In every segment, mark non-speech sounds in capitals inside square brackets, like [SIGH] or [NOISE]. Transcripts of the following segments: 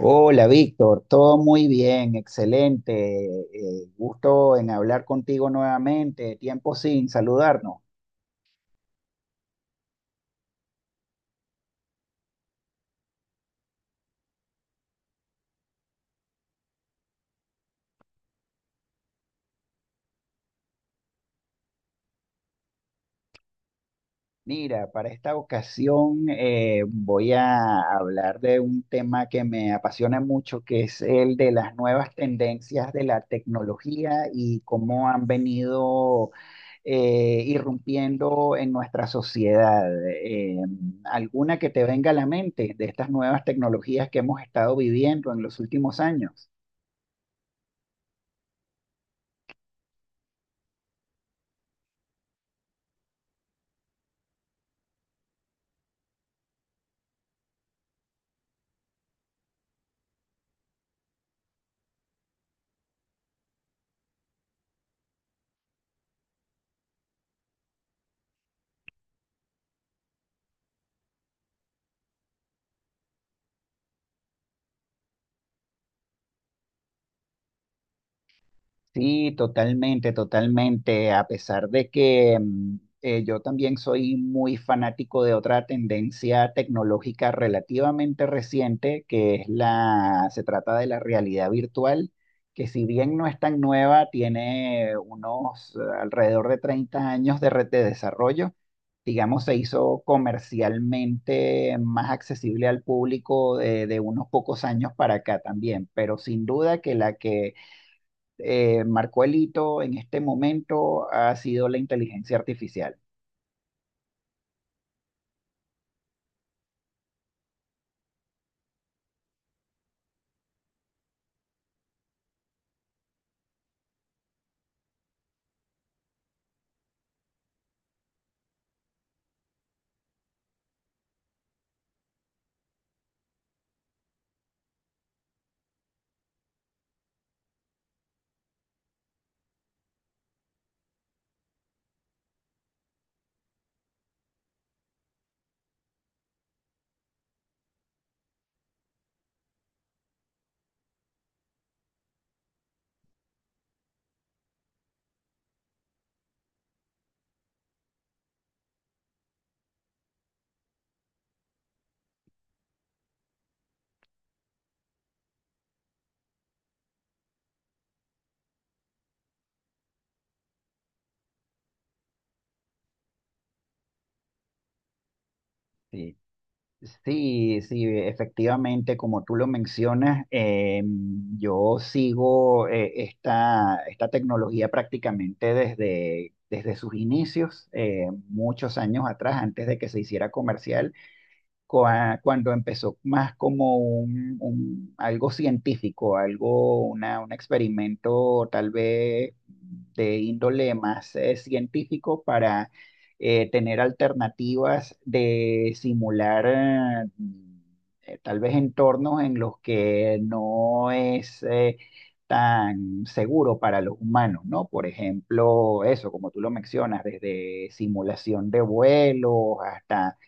Hola, Víctor, todo muy bien, excelente. Gusto en hablar contigo nuevamente. Tiempo sin saludarnos. Mira, para esta ocasión voy a hablar de un tema que me apasiona mucho, que es el de las nuevas tendencias de la tecnología y cómo han venido irrumpiendo en nuestra sociedad. ¿Alguna que te venga a la mente de estas nuevas tecnologías que hemos estado viviendo en los últimos años? Sí, totalmente, totalmente. A pesar de que yo también soy muy fanático de otra tendencia tecnológica relativamente reciente, que es se trata de la realidad virtual, que si bien no es tan nueva, tiene unos alrededor de 30 años de red de desarrollo. Digamos, se hizo comercialmente más accesible al público de unos pocos años para acá también, pero sin duda que la que marcó el hito en este momento ha sido la inteligencia artificial. Sí, sí, sí, efectivamente, como tú lo mencionas, yo sigo esta tecnología prácticamente desde sus inicios, muchos años atrás, antes de que se hiciera comercial. Cuando empezó más como un, algo científico, algo, una, un experimento tal vez de índole más científico para tener alternativas de simular tal vez entornos en los que no es... tan seguro para los humanos, ¿no? Por ejemplo, eso, como tú lo mencionas, desde simulación de vuelos hasta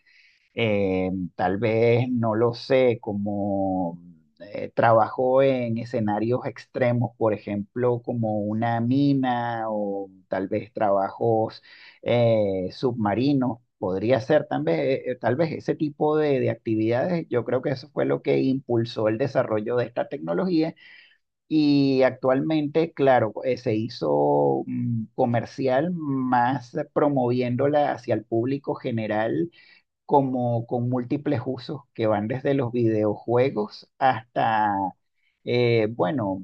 eh, tal vez, no lo sé, como trabajó en escenarios extremos, por ejemplo, como una mina o tal vez trabajos submarinos. Podría ser tal vez ese tipo de actividades. Yo creo que eso fue lo que impulsó el desarrollo de esta tecnología y actualmente, claro, se hizo comercial más promoviéndola hacia el público general como con múltiples usos que van desde los videojuegos hasta, bueno,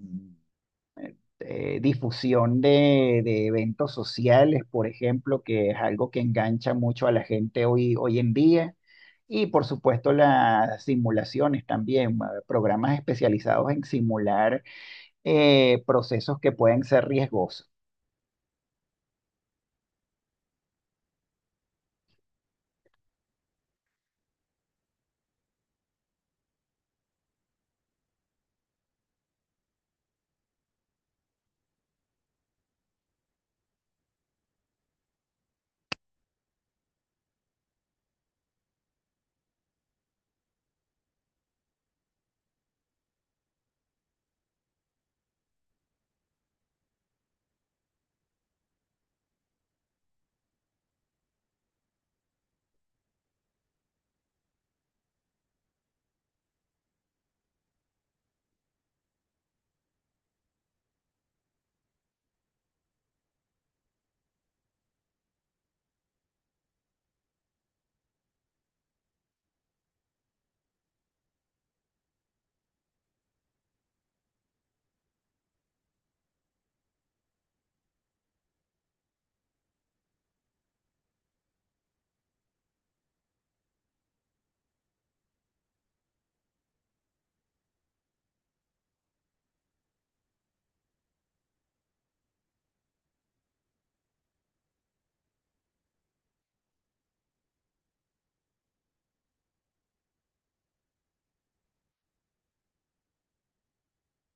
difusión de eventos sociales, por ejemplo, que es algo que engancha mucho a la gente hoy, hoy en día. Y por supuesto las simulaciones también, programas especializados en simular procesos que pueden ser riesgosos.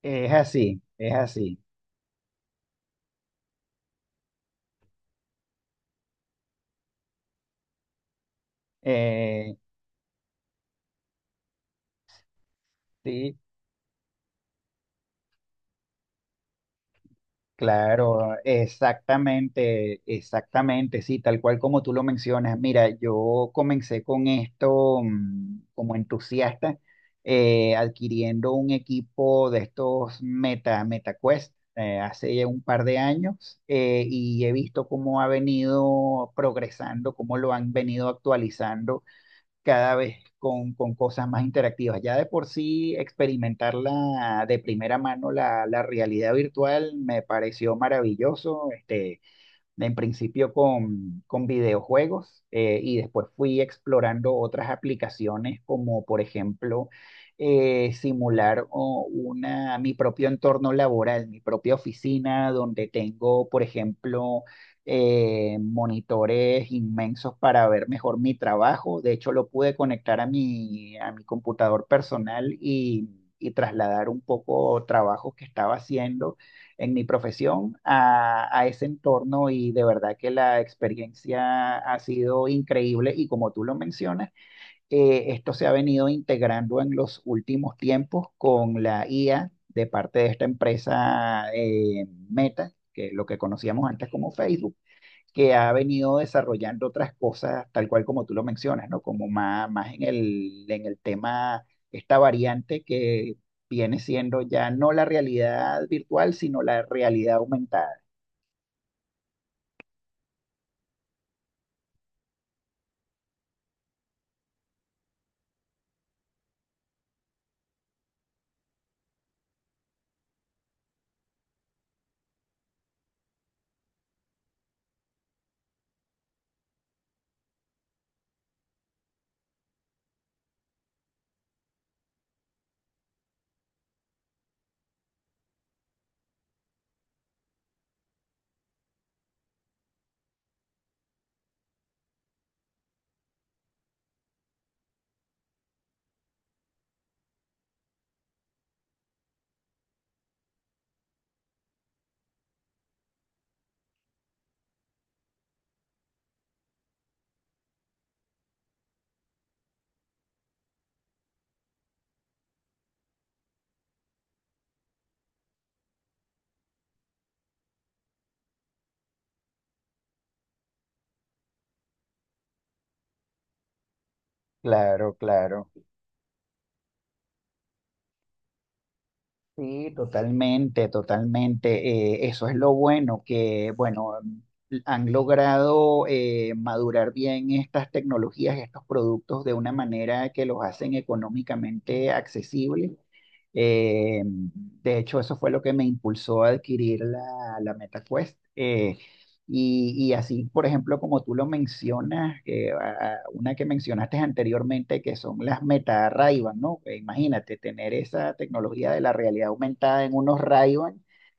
Es así, es así. Eh, sí, claro, exactamente, exactamente, sí, tal cual como tú lo mencionas. Mira, yo comencé con esto como entusiasta, adquiriendo un equipo de estos Meta, MetaQuest, hace ya un par de años, y he visto cómo ha venido progresando, cómo lo han venido actualizando cada vez con cosas más interactivas. Ya de por sí experimentar de primera mano la realidad virtual me pareció maravilloso. Este, en principio con videojuegos y después fui explorando otras aplicaciones como por ejemplo simular o, una, mi propio entorno laboral, mi propia oficina donde tengo por ejemplo monitores inmensos para ver mejor mi trabajo. De hecho lo pude conectar a mi computador personal y trasladar un poco trabajos que estaba haciendo en mi profesión a ese entorno y de verdad que la experiencia ha sido increíble y como tú lo mencionas, esto se ha venido integrando en los últimos tiempos con la IA de parte de esta empresa Meta, que es lo que conocíamos antes como Facebook, que ha venido desarrollando otras cosas, tal cual como tú lo mencionas, ¿no? Como más, más en el tema, esta variante que viene siendo ya no la realidad virtual, sino la realidad aumentada. Claro, claro. Sí, totalmente, totalmente. Eso es lo bueno, que bueno, han logrado madurar bien estas tecnologías, estos productos de una manera que los hacen económicamente accesibles. De hecho, eso fue lo que me impulsó a adquirir la MetaQuest. Y, y así, por ejemplo, como tú lo mencionas, que, ah, una que mencionaste anteriormente, que son las meta ray, ¿no? Que imagínate tener esa tecnología de la realidad aumentada en unos ray,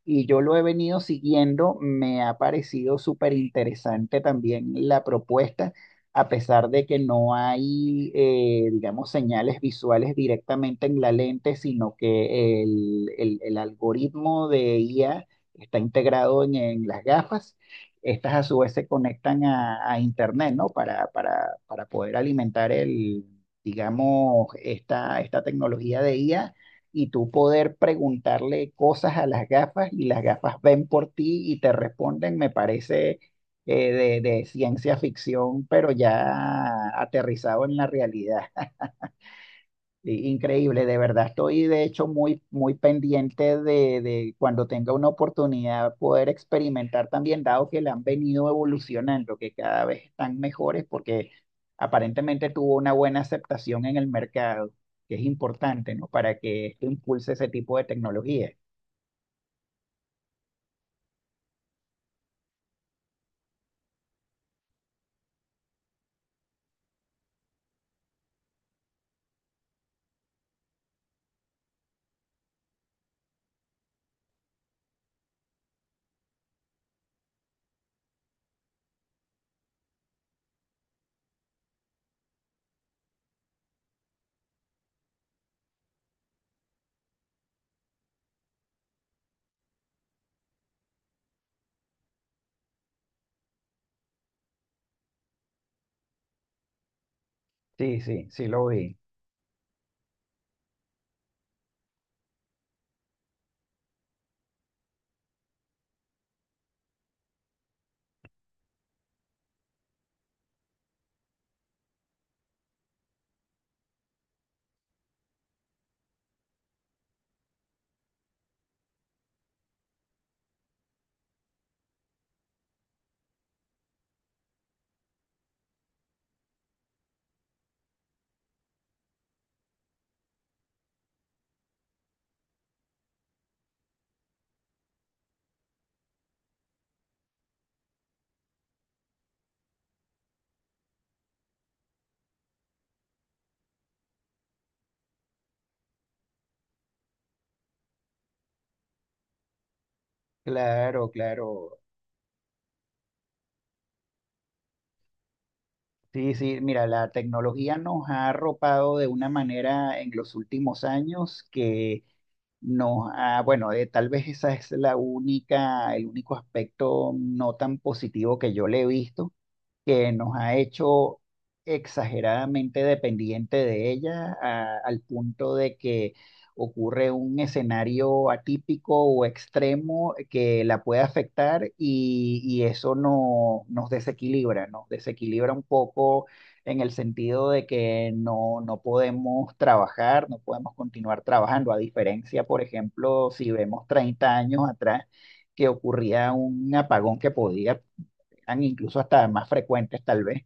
y yo lo he venido siguiendo, me ha parecido súper interesante también la propuesta, a pesar de que no hay, digamos, señales visuales directamente en la lente, sino que el algoritmo de IA está integrado en las gafas, estas a su vez se conectan a Internet, ¿no? Para poder alimentar el, digamos, esta tecnología de IA y tú poder preguntarle cosas a las gafas, y las gafas ven por ti y te responden. Me parece de ciencia ficción, pero ya aterrizado en la realidad. Increíble, de verdad. Estoy de hecho muy, muy pendiente de cuando tenga una oportunidad poder experimentar también, dado que la han venido evolucionando, que cada vez están mejores porque aparentemente tuvo una buena aceptación en el mercado, que es importante, ¿no? Para que esto impulse ese tipo de tecnología. Sí, sí, sí lo vi. Claro, claro. Sí, sí, mira, la tecnología nos ha arropado de una manera en los últimos años que nos ha, bueno, tal vez esa es el único aspecto no tan positivo que yo le he visto, que nos ha hecho exageradamente dependiente de ella, al punto de que ocurre un escenario atípico o extremo que la puede afectar y eso no, nos desequilibra un poco en el sentido de que no, no podemos trabajar, no podemos continuar trabajando, a diferencia, por ejemplo, si vemos 30 años atrás que ocurría un apagón que podía, eran incluso hasta más frecuentes tal vez,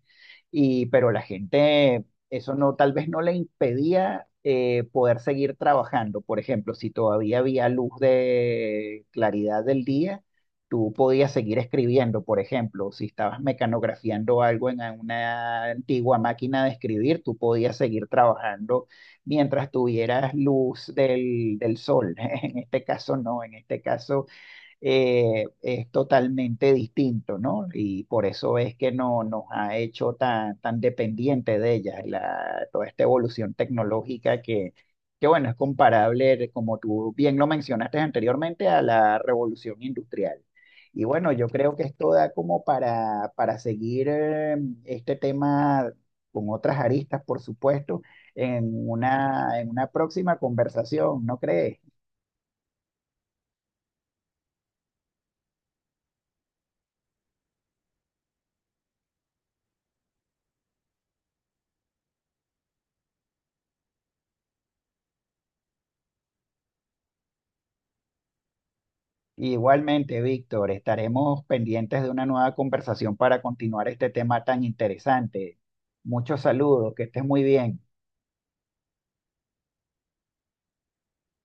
y, pero la gente eso no, tal vez no le impedía poder seguir trabajando. Por ejemplo, si todavía había luz de claridad del día, tú podías seguir escribiendo, por ejemplo, si estabas mecanografiando algo en una antigua máquina de escribir, tú podías seguir trabajando mientras tuvieras luz del, del sol. [LAUGHS] En este caso no, en este caso es totalmente distinto, ¿no? Y por eso es que no, nos ha hecho tan, tan dependientes de ellas toda esta evolución tecnológica que, bueno, es comparable, como tú bien lo mencionaste anteriormente, a la revolución industrial. Y bueno, yo creo que esto da como para seguir este tema con otras aristas, por supuesto, en una próxima conversación, ¿no crees? Igualmente, Víctor, estaremos pendientes de una nueva conversación para continuar este tema tan interesante. Muchos saludos, que estés muy bien.